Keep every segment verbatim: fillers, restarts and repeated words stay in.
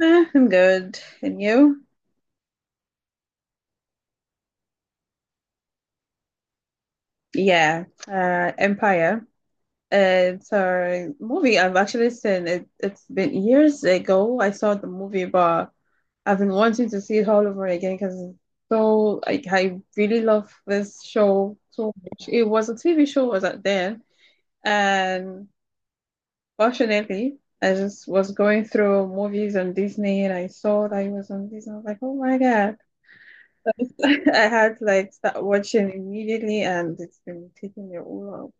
Eh, I'm good. And you? Yeah, uh, Empire. Uh, It's a movie I've actually seen. It, it's been years ago I saw the movie, but I've been wanting to see it all over again because so like I really love this show so much. It was a T V show was out there, and fortunately, I just was going through movies on Disney and I saw that it was on Disney. I was like, oh my God. I had to like start watching immediately and it's been taking me all out.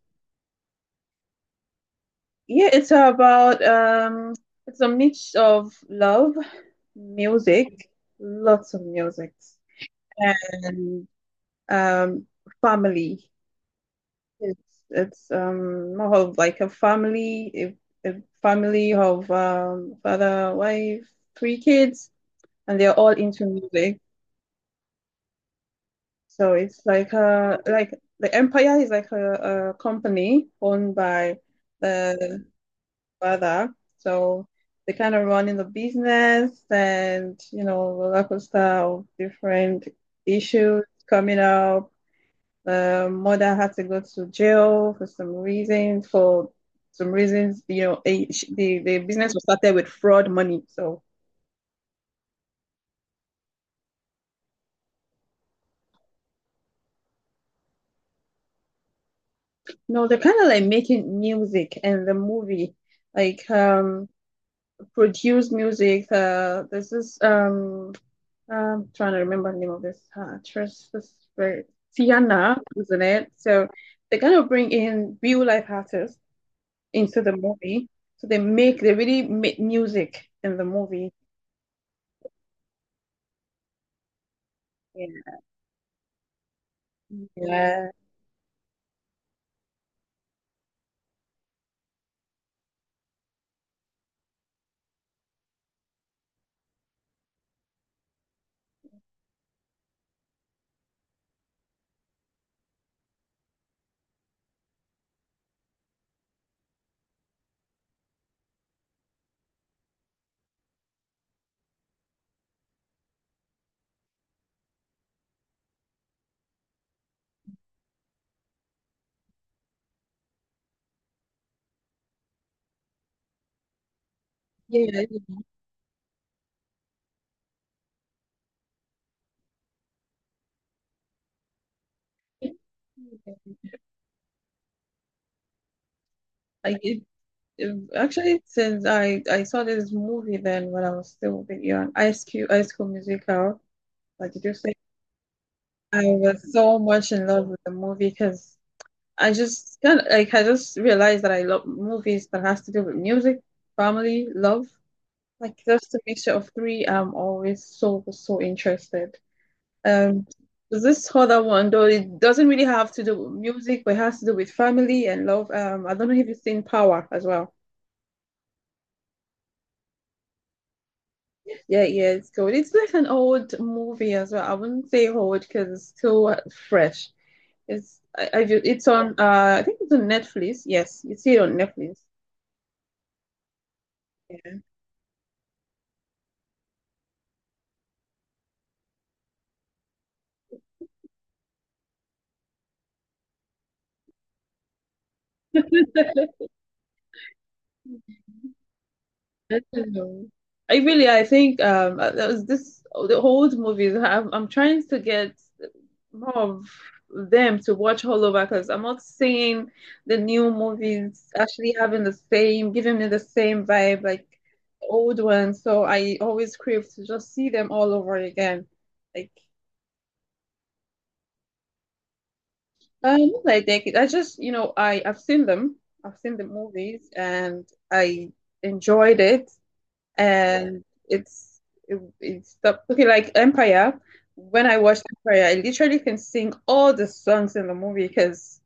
Yeah, it's about um it's a mix of love, music, lots of music and um family. It's it's um more of like a family a, a family of um father, wife, three kids and they're all into music. So it's like a like the empire is like a, a company owned by the father. So they kind of run in the business and you know roller coaster of different issues coming up. The mother had to go to jail for some reasons. For some reasons, you know, eh, sh- the the business was started with fraud money. So no, they're kind of like making music and the movie like um. Produce music. Uh, this is um, I'm trying to remember the name of this uh, actress. This very Tiana, isn't it? So they kind of bring in real life artists into the movie. So they make they really make music in the movie. Yeah, yeah, yeah. Yeah. I it, it- Actually since I I saw this movie then when I was still a bit young, Ice Cube, Ice School Musical. Like you just say, I was so much in love with the movie because I just kind of like I just realized that I love movies that has to do with music, family, love. Like just a mixture of three. I'm always so so interested. Um, this other one though it doesn't really have to do with music, but it has to do with family and love. Um, I don't know if you've seen Power as well. Yeah, yeah, it's good. It's like an old movie as well. I wouldn't say old because it's still uh, fresh. It's I, I ju- it's on uh I think it's on Netflix. Yes, you see it on Netflix. Yeah. I don't know. I really, I think um uh, that was this the old movies. I'm I'm trying to get more of them to watch all over because I'm not seeing the new movies actually having the same, giving me the same vibe like old ones. So I always crave to just see them all over again. Like um, I take it. I just you know I I've seen them. I've seen the movies and I enjoyed it. And it's it, it's the okay like Empire. When I watched Empire, I literally can sing all the songs in the movie because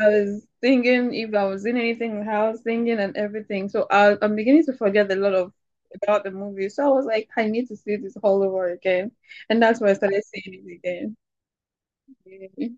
I was singing if I was in anything in the house, singing and everything. So I, I'm beginning to forget a lot of about the movie. So I was like, I need to see this all over again, and that's why I started seeing it again. Yeah.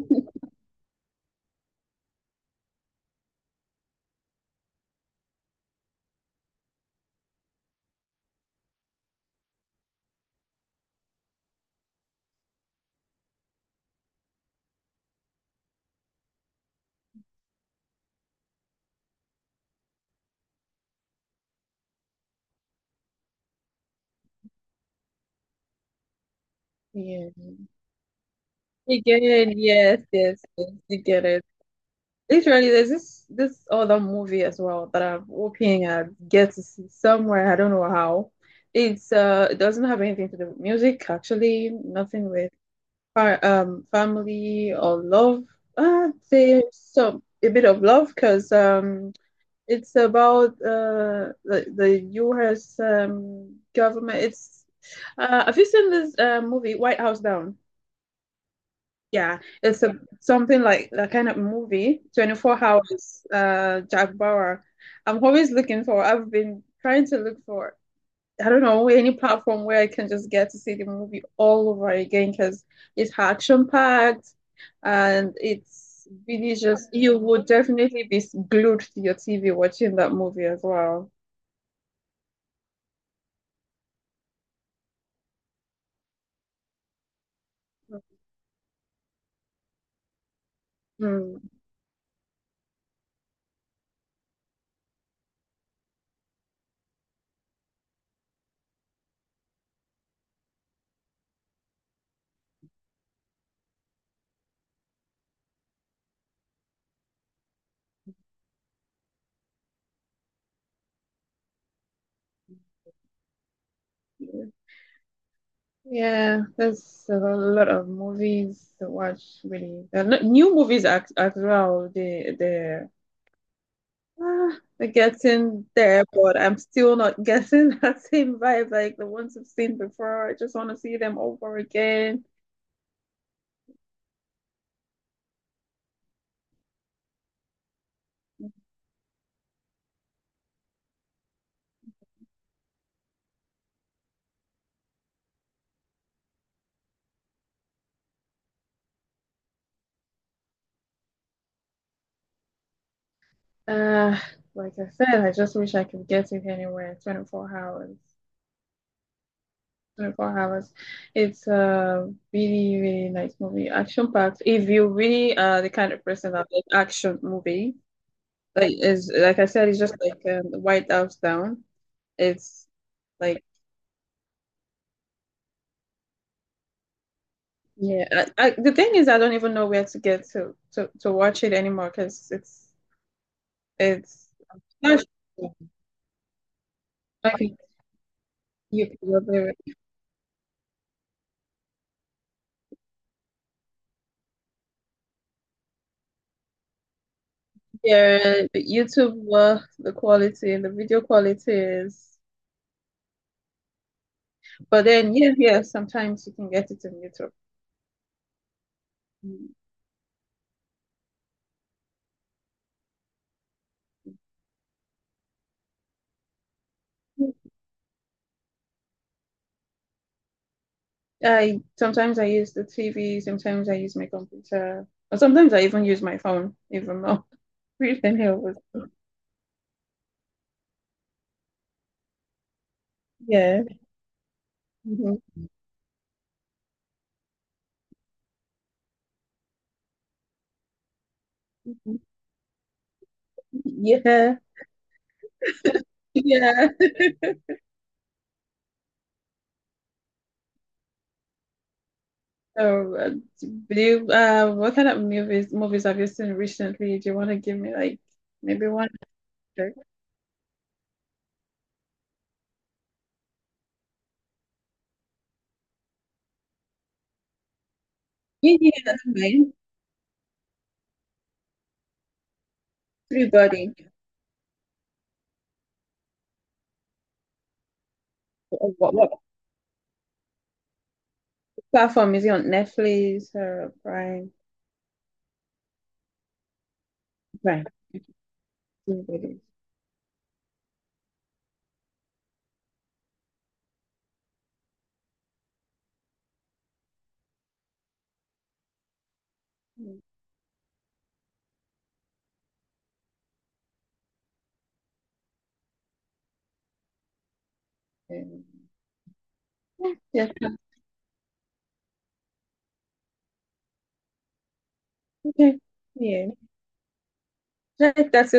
Yeah. You get it. Yes, yes, yes, you get it. Literally, there's this this other movie as well that I'm hoping I get to see somewhere. I don't know how. It's uh, it doesn't have anything to do with music, actually. Nothing with fa um family or love. Uh, there's some a bit of love because um, it's about uh the the U S um government. It's uh, have you seen this uh, movie White House Down? Yeah, it's a, something like that kind of movie, twenty-four Hours, uh, Jack Bauer. I'm always looking for, I've been trying to look for, I don't know, any platform where I can just get to see the movie all over again because it's action-packed and it's really just, you would definitely be glued to your T V watching that movie as well. Mm. Yeah, there's a lot of movies to watch, really. They're not- New movies as, as well. They they ah, they're getting there, but I'm still not getting that same vibe like the ones I've seen before. I just want to see them over again. Uh, like I said, I just wish I could get it anywhere. twenty-four hours. twenty-four hours. It's a really, really nice movie. Action packed. If you're really uh the kind of person that likes action movie. Like is like I said, it's just like um, the White House down. It's like yeah. I, I, the thing is, I don't even know where to get to to, to watch it anymore because it's it's sure. I think you probably right. Yeah. The YouTube work, the quality, the video quality is. But then yeah, yeah. Sometimes you can get it on YouTube. Mm. I sometimes I use the T V, sometimes I use my computer, or sometimes I even use my phone, even more. Freaking hell. Yeah. Mhm. Mhm. Yeah. Yeah. So, uh, do you, uh, what kind of movies movies have you seen recently? Do you want to give me like maybe one actor? Yeah, yeah, that's fine. Everybody. Uh, What, what platform is it on? Netflix or Prime? Prime. Everybody. Okay. Yeah. Okay. Yeah. Right, that's it.